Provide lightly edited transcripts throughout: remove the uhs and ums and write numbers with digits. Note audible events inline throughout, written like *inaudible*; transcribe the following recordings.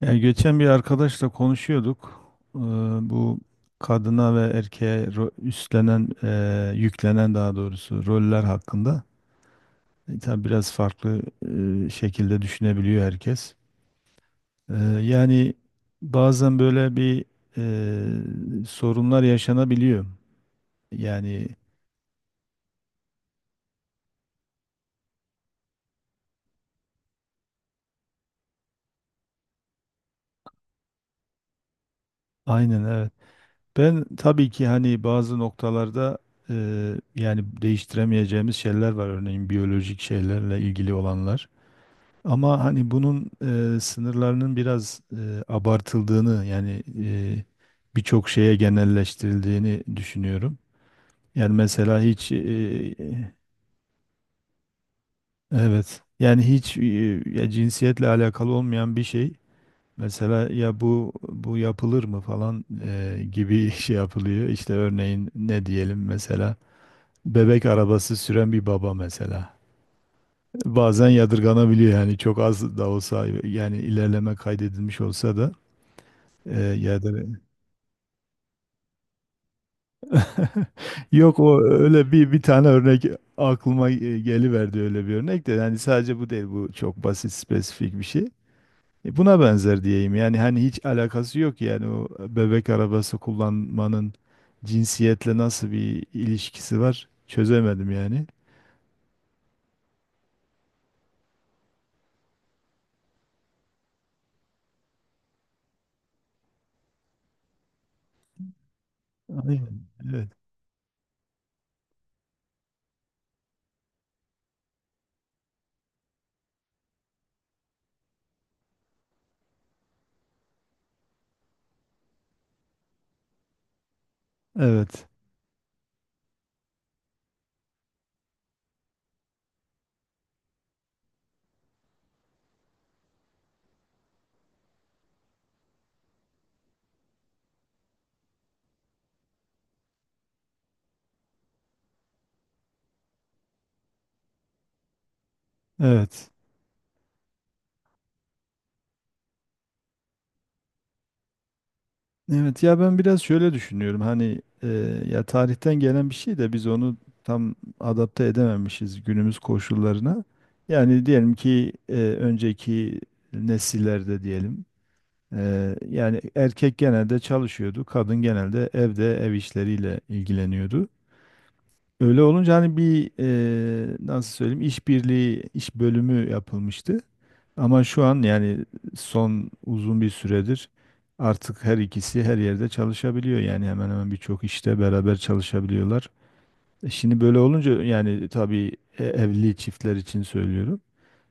Ya geçen bir arkadaşla konuşuyorduk. Ee, Bu kadına ve erkeğe üstlenen, yüklenen daha doğrusu roller hakkında. Tabii biraz farklı şekilde düşünebiliyor herkes. Ee, Yani bazen böyle bir sorunlar yaşanabiliyor. Yani aynen evet. Ben tabii ki hani bazı noktalarda e, yani değiştiremeyeceğimiz şeyler var. Örneğin biyolojik şeylerle ilgili olanlar. Ama hani bunun sınırlarının biraz abartıldığını yani birçok şeye genelleştirildiğini düşünüyorum. Yani mesela hiç evet yani hiç ya cinsiyetle alakalı olmayan bir şey mesela ya bu yapılır mı falan gibi *laughs* şey yapılıyor. İşte örneğin ne diyelim mesela bebek arabası süren bir baba mesela. Bazen yadırganabiliyor yani çok az da olsa yani ilerleme kaydedilmiş olsa da. Ee, ya da *laughs* yok, o öyle bir tane örnek aklıma geliverdi. Öyle bir örnek de yani sadece bu değil, bu çok basit spesifik bir şey. Buna benzer diyeyim yani hani hiç alakası yok yani o bebek arabası kullanmanın cinsiyetle nasıl bir ilişkisi var çözemedim yani. Aynen. Evet. Evet. Evet. Evet, ya ben biraz şöyle düşünüyorum hani ya tarihten gelen bir şey de biz onu tam adapte edememişiz günümüz koşullarına. Yani diyelim ki önceki nesillerde diyelim yani erkek genelde çalışıyordu, kadın genelde evde ev işleriyle ilgileniyordu. Öyle olunca hani bir nasıl söyleyeyim işbirliği, iş bölümü yapılmıştı. Ama şu an yani son uzun bir süredir artık her ikisi her yerde çalışabiliyor. Yani hemen hemen birçok işte beraber çalışabiliyorlar. Şimdi böyle olunca yani tabii evli çiftler için söylüyorum.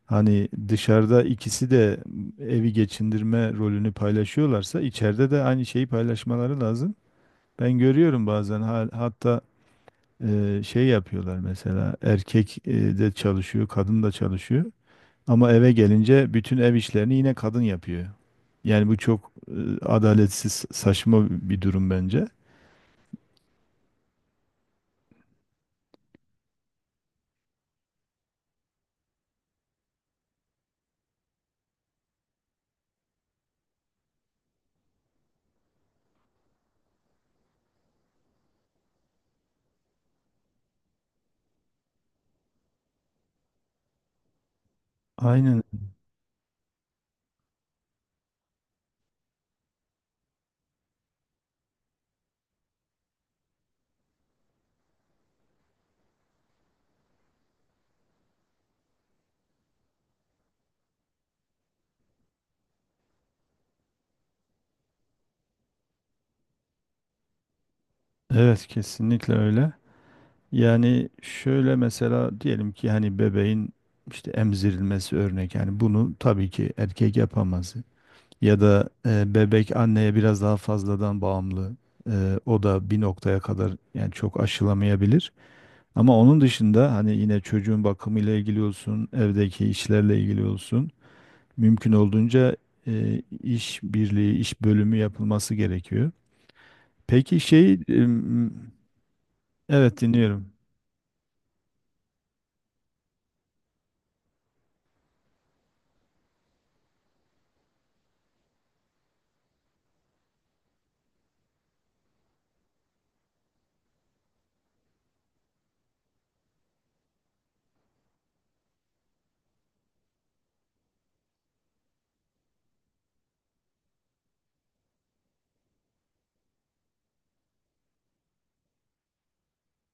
Hani dışarıda ikisi de evi geçindirme rolünü paylaşıyorlarsa içeride de aynı şeyi paylaşmaları lazım. Ben görüyorum bazen hatta şey yapıyorlar, mesela erkek de çalışıyor, kadın da çalışıyor ama eve gelince bütün ev işlerini yine kadın yapıyor. Yani bu çok adaletsiz, saçma bir durum bence. Aynen. Evet, kesinlikle öyle. Yani şöyle mesela diyelim ki hani bebeğin işte emzirilmesi örnek, yani bunu tabii ki erkek yapamaz. Ya da bebek anneye biraz daha fazladan bağımlı. O da bir noktaya kadar, yani çok aşılamayabilir. Ama onun dışında hani yine çocuğun bakımıyla ilgili olsun, evdeki işlerle ilgili olsun, mümkün olduğunca iş birliği, iş bölümü yapılması gerekiyor. Peki evet, dinliyorum.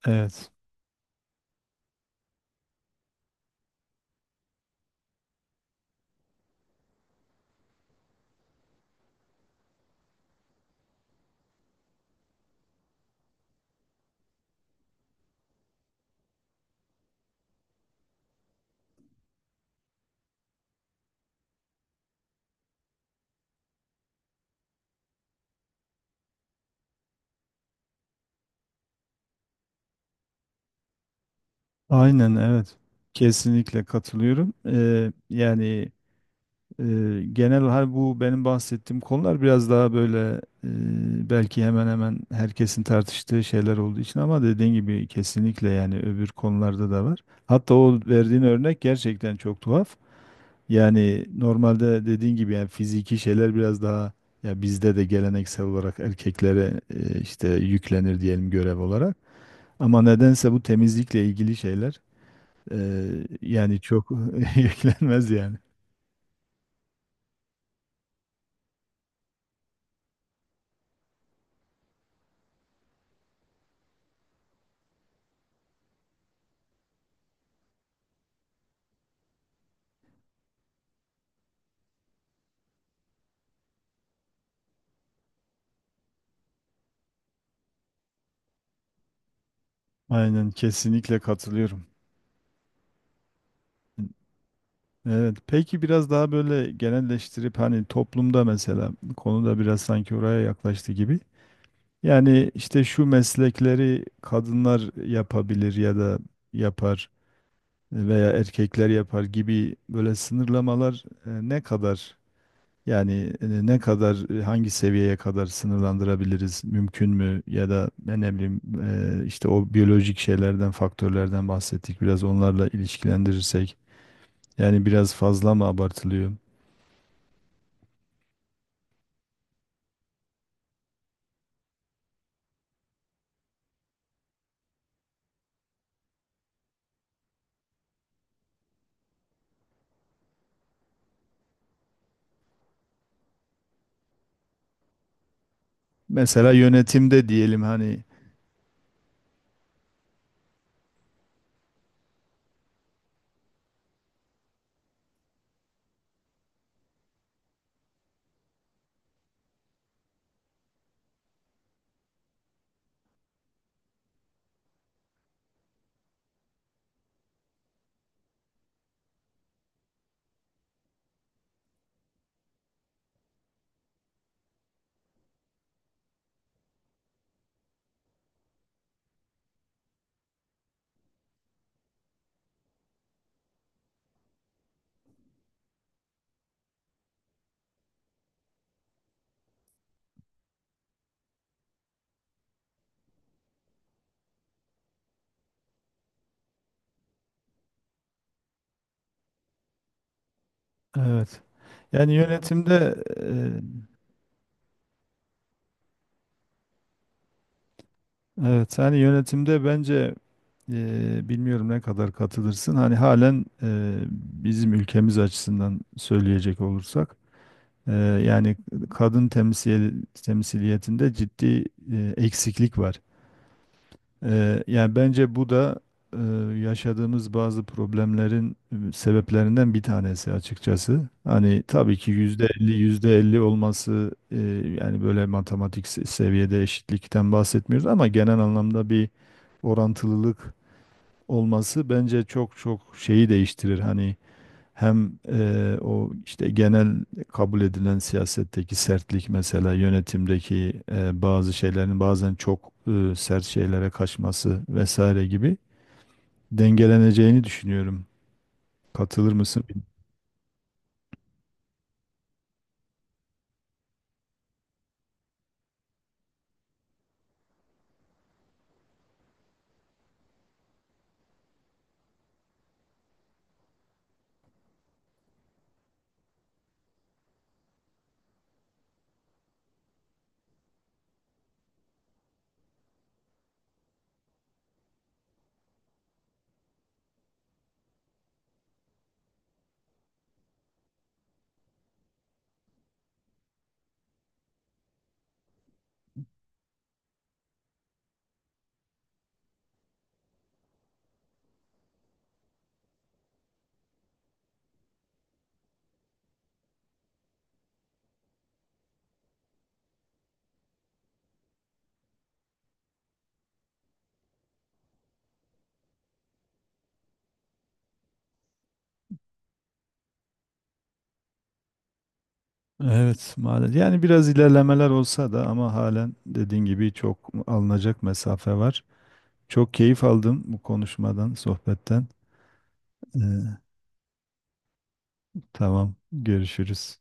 Evet, aynen evet. Kesinlikle katılıyorum. E, Genel hal bu, benim bahsettiğim konular biraz daha böyle belki hemen hemen herkesin tartıştığı şeyler olduğu için, ama dediğin gibi kesinlikle yani öbür konularda da var. Hatta o verdiğin örnek gerçekten çok tuhaf. Yani normalde dediğin gibi yani fiziki şeyler biraz daha, ya bizde de geleneksel olarak erkeklere işte yüklenir diyelim görev olarak. Ama nedense bu temizlikle ilgili şeyler e, yani çok *laughs* yüklenmez yani. Aynen, kesinlikle katılıyorum. Evet, peki biraz daha böyle genelleştirip hani toplumda, mesela konuda biraz sanki oraya yaklaştı gibi. Yani işte şu meslekleri kadınlar yapabilir ya da yapar veya erkekler yapar gibi böyle sınırlamalar ne kadar, yani ne kadar, hangi seviyeye kadar sınırlandırabiliriz, mümkün mü, ya da ben ne bileyim işte o biyolojik şeylerden, faktörlerden bahsettik, biraz onlarla ilişkilendirirsek yani biraz fazla mı abartılıyor? Mesela yönetimde diyelim hani. Evet, yani yönetimde evet, hani yönetimde bence bilmiyorum ne kadar katılırsın, hani halen bizim ülkemiz açısından söyleyecek olursak e, yani kadın temsiliyetinde ciddi eksiklik var. Yani bence bu da eee, yaşadığımız bazı problemlerin sebeplerinden bir tanesi açıkçası. Hani tabii ki %50 %50 olması yani böyle matematik seviyede eşitlikten bahsetmiyoruz ama genel anlamda bir orantılılık olması bence çok çok şeyi değiştirir. Hani hem o işte genel kabul edilen siyasetteki sertlik, mesela yönetimdeki bazı şeylerin bazen çok sert şeylere kaçması vesaire gibi dengeleneceğini düşünüyorum. Katılır mısın, bilmiyorum. Evet, maalesef. Yani biraz ilerlemeler olsa da ama halen dediğin gibi çok alınacak mesafe var. Çok keyif aldım bu konuşmadan, sohbetten. Eee, tamam, görüşürüz.